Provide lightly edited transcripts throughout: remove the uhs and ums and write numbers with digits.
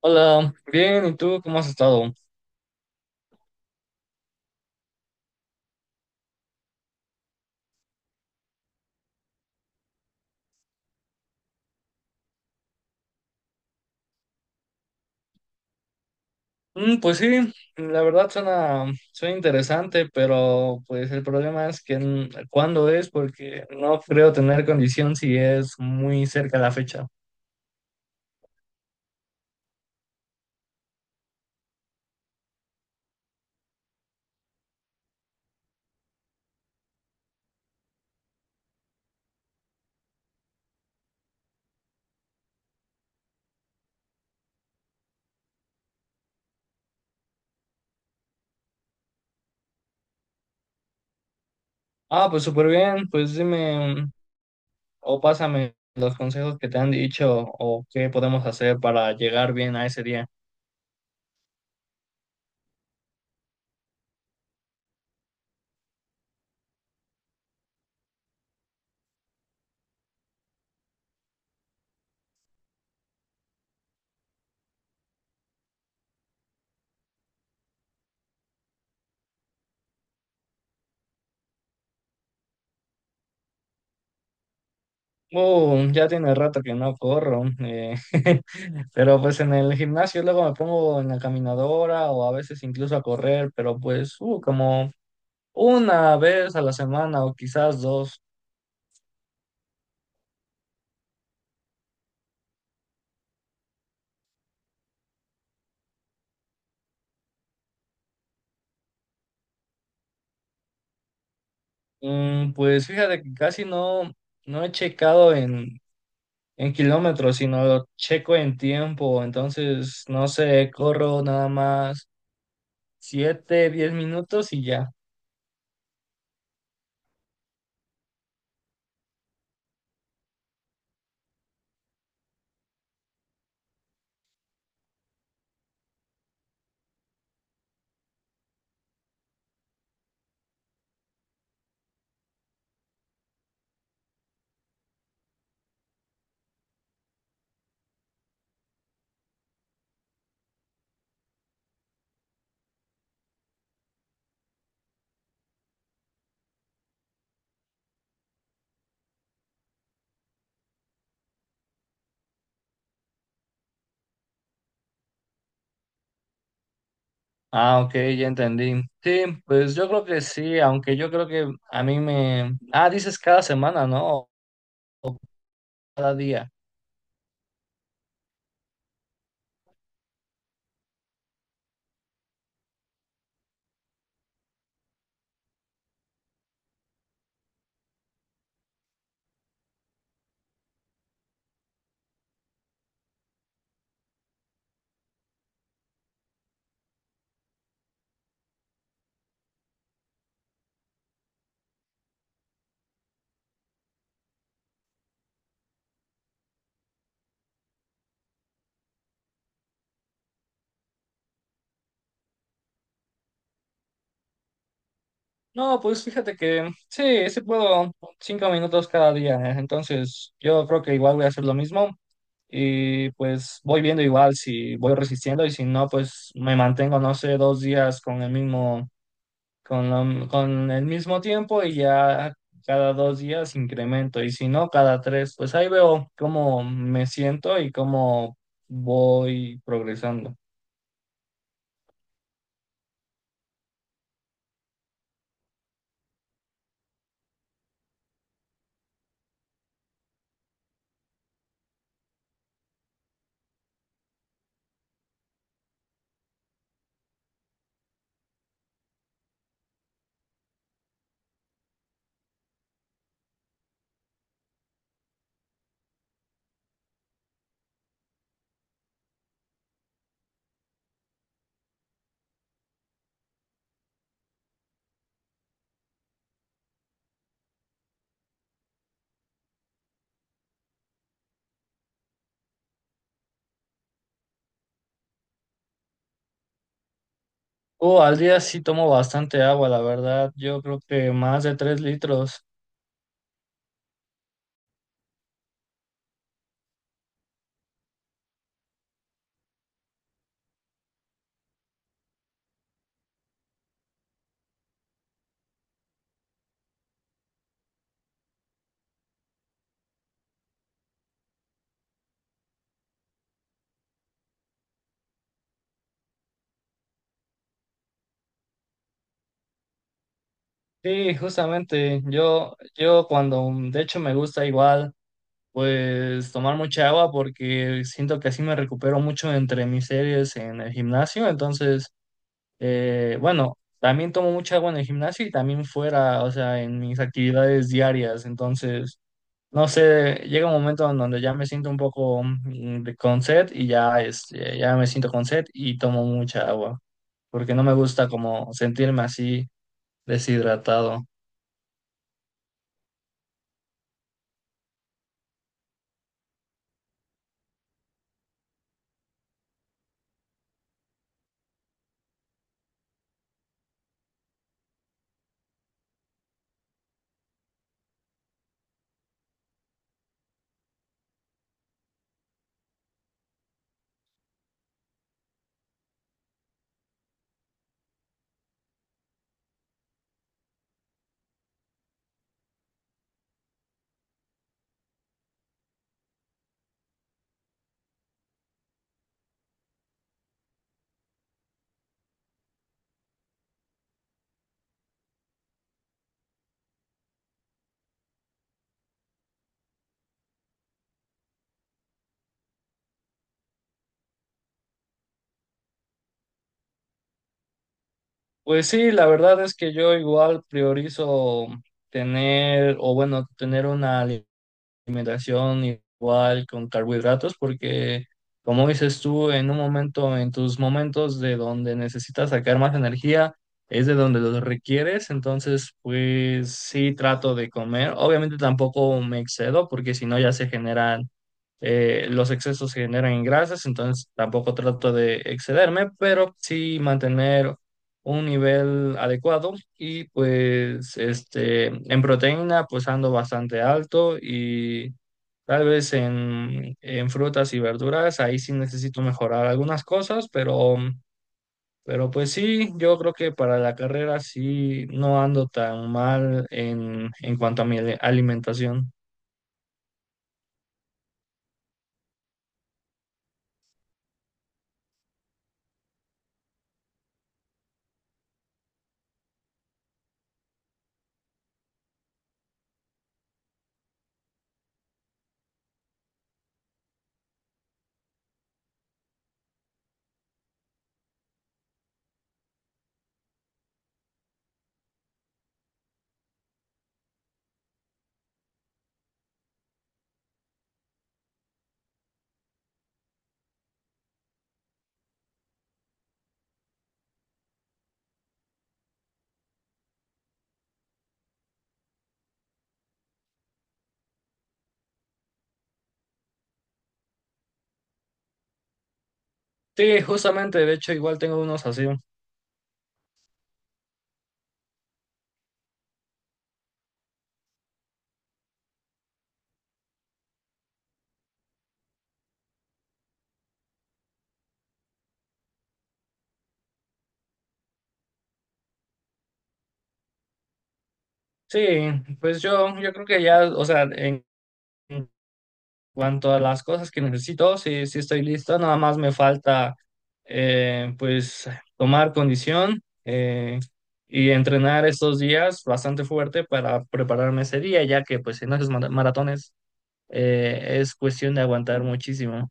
Hola, bien, ¿y tú cómo has estado? Pues sí, la verdad suena interesante, pero pues el problema es que cuándo es, porque no creo tener condición si es muy cerca la fecha. Ah, pues súper bien, pues dime o pásame los consejos que te han dicho o qué podemos hacer para llegar bien a ese día. Ya tiene rato que no corro, pero pues en el gimnasio luego me pongo en la caminadora o a veces incluso a correr, pero pues como una vez a la semana o quizás dos. Pues fíjate que casi no, no he checado en kilómetros, sino lo checo en tiempo, entonces no sé, corro nada más 7, 10 minutos y ya. Ah, ok, ya entendí. Sí, pues yo creo que sí, aunque yo creo que a mí me... Ah, dices cada semana, ¿no? O cada día. No, pues fíjate que sí puedo 5 minutos cada día, ¿eh? Entonces yo creo que igual voy a hacer lo mismo y pues voy viendo igual si voy resistiendo y si no, pues me mantengo, no sé, dos días con el mismo... con, con el mismo tiempo y ya cada dos días incremento y si no, cada tres, pues ahí veo cómo me siento y cómo voy progresando. Al día sí tomo bastante agua, la verdad, yo creo que más de 3 litros. Sí, justamente, yo cuando, de hecho me gusta igual, pues tomar mucha agua porque siento que así me recupero mucho entre mis series en el gimnasio, entonces... bueno, también tomo mucha agua en el gimnasio y también fuera, o sea, en mis actividades diarias. Entonces, no sé, llega un momento en donde ya me siento un poco con sed y ya, este, ya me siento con sed y tomo mucha agua, porque no me gusta como sentirme así deshidratado. Pues sí, la verdad es que yo igual priorizo tener, o bueno, tener una alimentación igual con carbohidratos porque, como dices tú, en un momento, en tus momentos de donde necesitas sacar más energía, es de donde los requieres, entonces pues sí trato de comer. Obviamente tampoco me excedo porque si no ya se generan, los excesos se generan en grasas, entonces tampoco trato de excederme, pero sí mantener un nivel adecuado y pues este en proteína pues ando bastante alto y tal vez en frutas y verduras ahí sí necesito mejorar algunas cosas, pero pues sí, yo creo que para la carrera sí no ando tan mal en cuanto a mi alimentación. Sí, justamente, de hecho igual tengo unos así. Sí, pues yo creo que ya, o sea, en cuanto a las cosas que necesito, sí, sí estoy listo, nada más me falta pues tomar condición y entrenar estos días bastante fuerte para prepararme ese día, ya que pues en esos maratones es cuestión de aguantar muchísimo.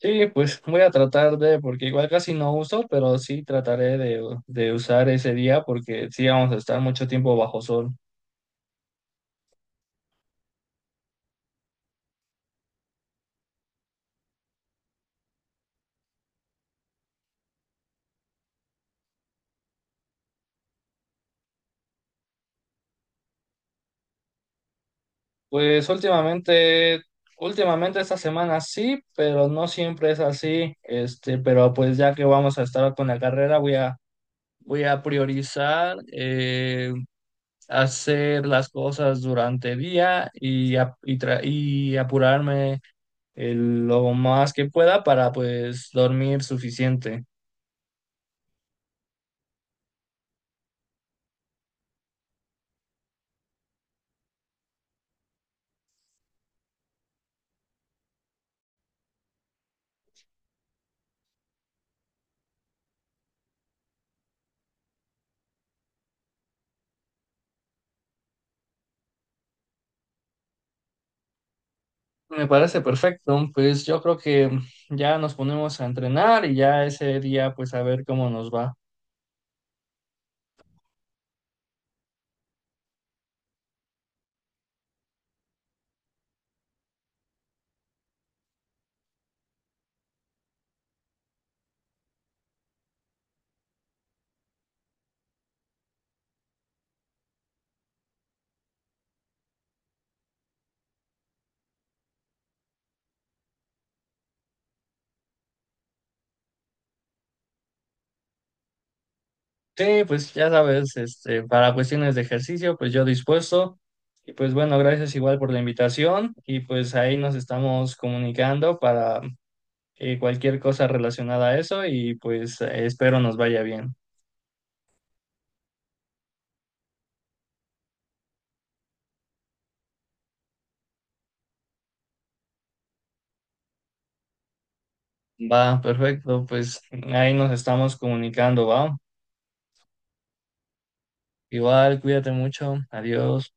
Sí, pues voy a tratar de, porque igual casi no uso, pero sí trataré de usar ese día porque sí vamos a estar mucho tiempo bajo sol. Pues últimamente esta semana sí, pero no siempre es así. Este, pero pues ya que vamos a estar con la carrera, voy a priorizar hacer las cosas durante el día y apurarme lo más que pueda para pues dormir suficiente. Me parece perfecto. Pues yo creo que ya nos ponemos a entrenar y ya ese día pues a ver cómo nos va. Sí, pues ya sabes, este, para cuestiones de ejercicio, pues yo dispuesto. Y pues bueno, gracias igual por la invitación y pues ahí nos estamos comunicando para cualquier cosa relacionada a eso y pues espero nos vaya bien. Va, perfecto, pues ahí nos estamos comunicando, va. Igual, cuídate mucho, adiós.